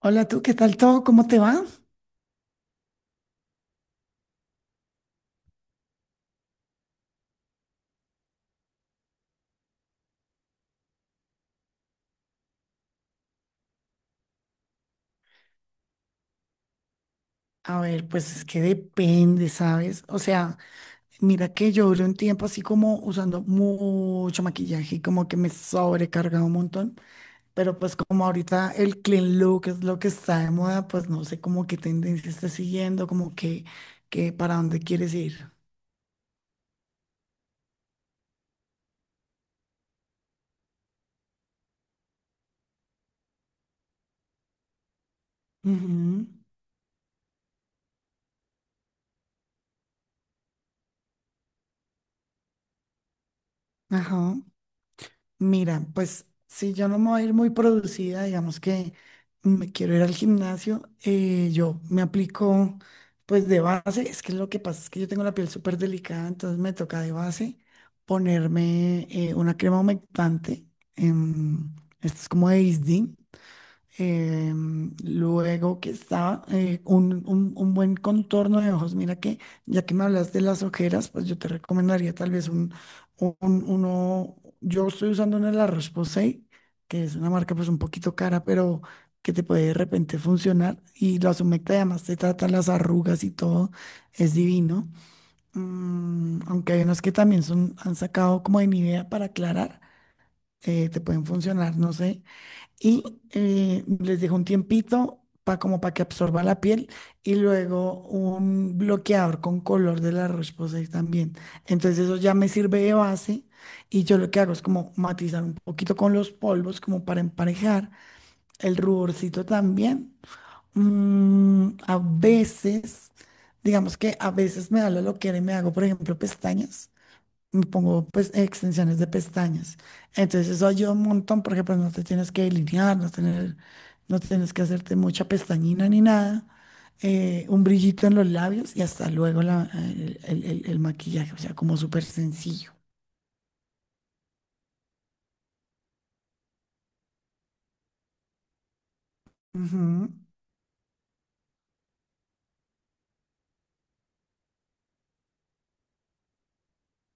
Hola, tú, ¿qué tal todo? ¿Cómo te va? A ver, pues es que depende, ¿sabes? O sea, mira que yo duré un tiempo así como usando mucho maquillaje y como que me sobrecargaba un montón, pero pues como ahorita el clean look es lo que está de moda, pues no sé cómo qué tendencia está siguiendo, como que para dónde quieres ir. Ujú. Ajá. Mira, pues si yo no me voy a ir muy producida, digamos que me quiero ir al gimnasio, yo me aplico pues de base, es que lo que pasa es que yo tengo la piel súper delicada, entonces me toca de base ponerme una crema humectante. em, Esta es como de Isdin. Luego que está un buen contorno de ojos. Mira que ya que me hablas de las ojeras, pues yo te recomendaría tal vez uno. Yo estoy usando una de la Roche-Posay, que es una marca pues un poquito cara, pero que te puede de repente funcionar. Y la Sumecta además te trata las arrugas y todo. Es divino. Mm, aunque hay unas que también son, han sacado como de Nivea para aclarar, te pueden funcionar. No sé. Y les dejo un tiempito como para que absorba la piel y luego un bloqueador con color de la Roche-Posay también. Entonces eso ya me sirve de base y yo lo que hago es como matizar un poquito con los polvos como para emparejar el ruborcito también. Mm, a veces, digamos que a veces me da la loquera y me hago, por ejemplo, pestañas, me pongo pues extensiones de pestañas. Entonces eso ayuda un montón porque pues no te tienes que delinear, no tener, no tienes que hacerte mucha pestañina ni nada. Un brillito en los labios y hasta luego el maquillaje, o sea, como súper sencillo. Ujú.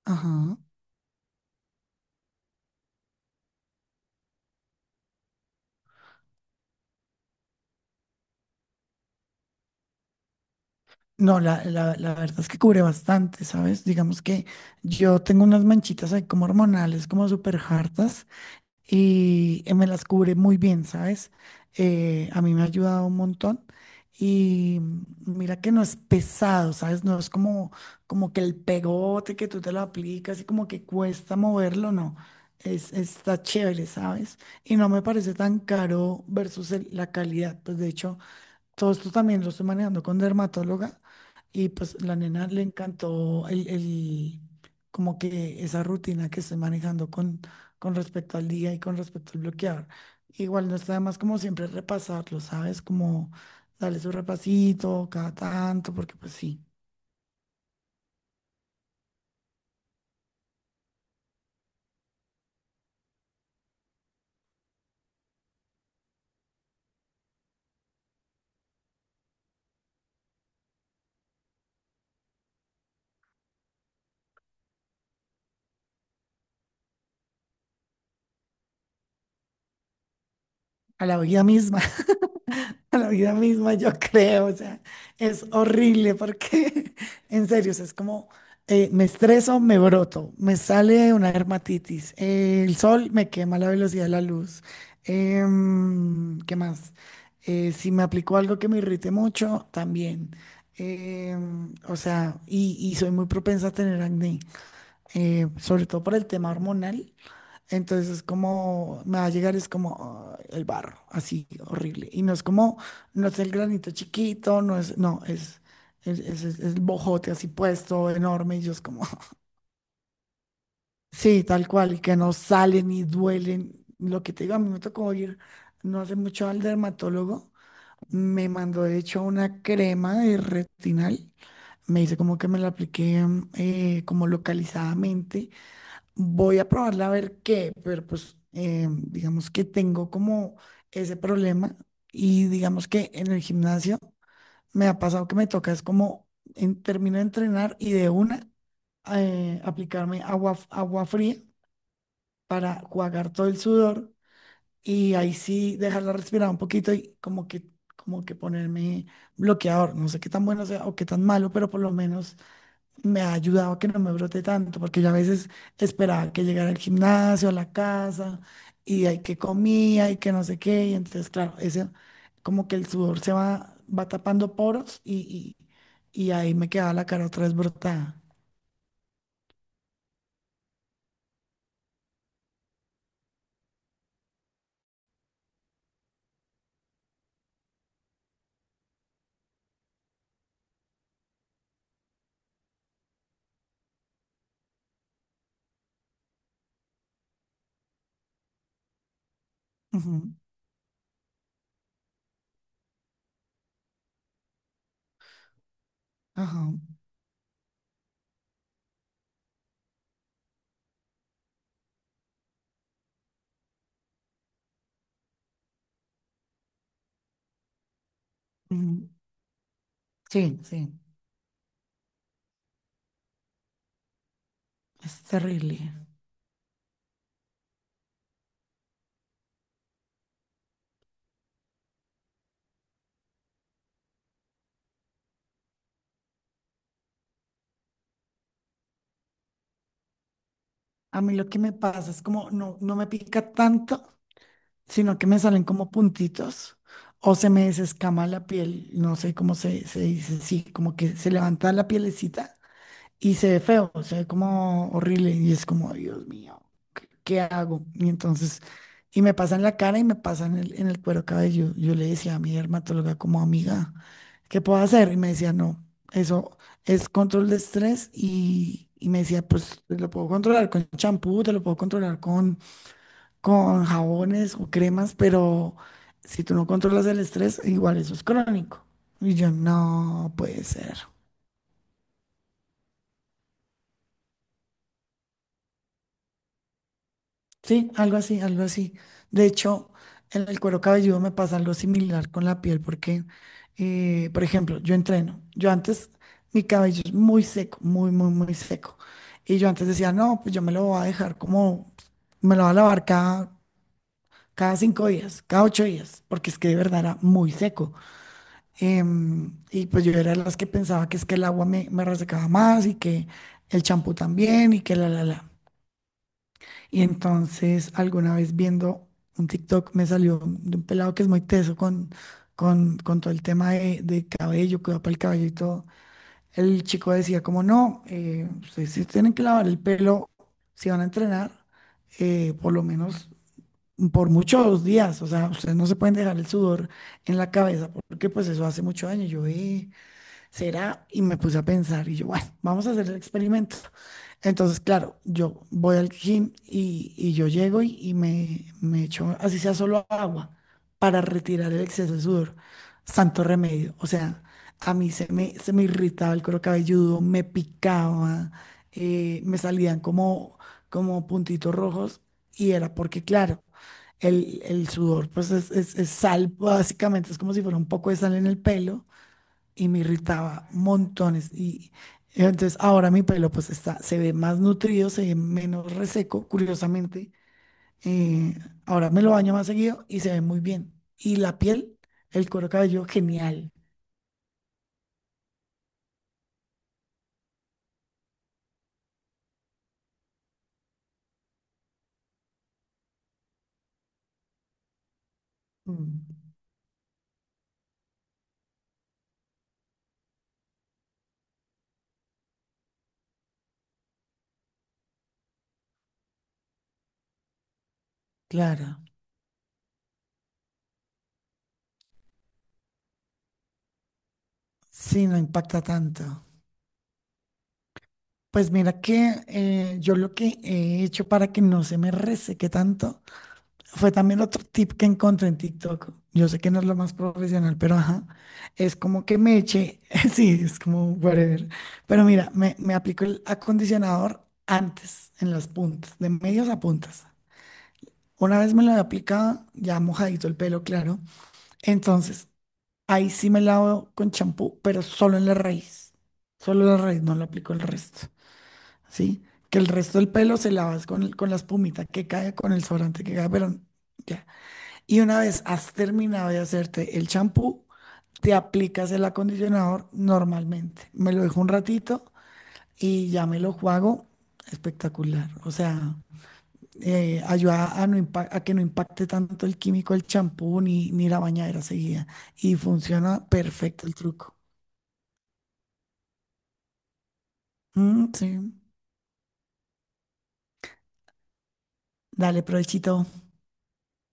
Ajá. No, la verdad es que cubre bastante, ¿sabes? Digamos que yo tengo unas manchitas ahí como hormonales, como súper hartas. Y me las cubre muy bien, ¿sabes? A mí me ha ayudado un montón. Y mm, mira que no es pesado, ¿sabes? No es como, como que el pegote que tú te lo aplicas y como que cuesta moverlo, no. Es, está chévere, ¿sabes? Y no me parece tan caro versus la calidad. Pues de hecho, todo esto también lo estoy manejando con dermatóloga y pues la nena le encantó el como que esa rutina que estoy manejando con respecto al día y con respecto al bloquear. Igual no está de más como siempre repasarlo, ¿sabes? Como darle su repasito cada tanto, porque pues sí, a la vida misma. A la vida misma, yo creo, o sea, es horrible porque, en serio, o sea, es como, me estreso, me broto, me sale una dermatitis, el sol me quema la velocidad de la luz, ¿qué más? Si me aplico algo que me irrite mucho, también. O sea, y soy muy propensa a tener acné, sobre todo por el tema hormonal. Entonces, como me va a llegar es como ah, el barro, así horrible. Y no es como, no es el granito chiquito, no es, no, es, es el bojote así puesto, enorme. Y yo es como, sí, tal cual, y que no salen y duelen. Lo que te digo, a mí me tocó ir no hace mucho al dermatólogo. Me mandó, de hecho, una crema de retinal. Me dice como que me la apliqué como localizadamente. Voy a probarla a ver qué, pero pues digamos que tengo como ese problema y digamos que en el gimnasio me ha pasado que me toca, es como en, termino de entrenar y de una aplicarme agua, agua fría para jugar todo el sudor y ahí sí dejarla respirar un poquito y como que ponerme bloqueador. No sé qué tan bueno sea o qué tan malo, pero por lo menos me ha ayudado a que no me brote tanto, porque yo a veces esperaba que llegara al gimnasio, a la casa, y hay que comía y que no sé qué, y entonces, claro, ese, como que el sudor se va, va tapando poros y ahí me quedaba la cara otra vez brotada. Ujú. Ajá. Ujú. Sí, sí, es terrible. A mí lo que me pasa es como no, no me pica tanto, sino que me salen como puntitos o se me desescama la piel, no sé cómo se dice, sí, como que se levanta la pielecita y se ve feo, se ve como horrible y es como, Dios mío, ¿qué hago? Y entonces, y me pasa en la cara y me pasa en el cuero cabelludo. Yo le decía a mi dermatóloga como amiga, ¿qué puedo hacer? Y me decía, no, eso es control de estrés y... Y me decía, pues te lo puedo controlar con champú, te lo puedo controlar con jabones o cremas, pero si tú no controlas el estrés, igual eso es crónico. Y yo, no puede ser. Sí, algo así, algo así. De hecho, en el cuero cabelludo me pasa algo similar con la piel, porque, por ejemplo, yo entreno. Yo antes, mi cabello es muy seco, muy, muy, muy seco. Y yo antes decía, no, pues yo me lo voy a dejar como, me lo voy a lavar cada, cada 5 días, cada 8 días, porque es que de verdad era muy seco. Y pues yo era de las que pensaba que es que el agua me resecaba más y que el champú también y que la, la, la. Y entonces alguna vez viendo un TikTok me salió de un pelado que es muy teso con todo el tema de cabello, cuidado para el cabello y todo. El chico decía como no, ustedes sí tienen que lavar el pelo si van a entrenar, por lo menos por muchos días. O sea, ustedes no se pueden dejar el sudor en la cabeza porque pues eso hace mucho daño. Yo, ¿será?" Y me puse a pensar y yo, bueno, vamos a hacer el experimento. Entonces, claro, yo voy al gym y yo llego y me echo, así sea solo agua, para retirar el exceso de sudor. Santo remedio. O sea, a mí se me irritaba el cuero cabelludo, me picaba, me salían como, como puntitos rojos y era porque, claro, el sudor pues es, es sal, básicamente, es como si fuera un poco de sal en el pelo y me irritaba montones. Y entonces ahora mi pelo pues está, se ve más nutrido, se ve menos reseco, curiosamente. Eh, Ahora me lo baño más seguido y se ve muy bien. Y la piel, el cuero cabelludo, genial. Mm, claro, sí, no impacta tanto. Pues mira que yo lo que he hecho para que no se me reseque tanto fue también otro tip que encontré en TikTok. Yo sé que no es lo más profesional, pero ajá, es como que me eché, sí, es como whatever. Pero mira, me aplico el acondicionador antes, en las puntas, de medios a puntas. Una vez me lo he aplicado, ya mojadito el pelo, claro. Entonces, ahí sí me lavo con champú, pero solo en la raíz. Solo la raíz, no lo aplico el resto, ¿sí? Que el resto del pelo se lavas con, con la espumita que cae, con el sobrante que cae, pero ya. Y una vez has terminado de hacerte el champú, te aplicas el acondicionador normalmente. Me lo dejo un ratito y ya me lo juego. Espectacular. O sea, ayuda a, a que no impacte tanto el químico el champú ni, ni la bañadera seguida. Y funciona perfecto el truco. Mm, sí. Dale, provechito.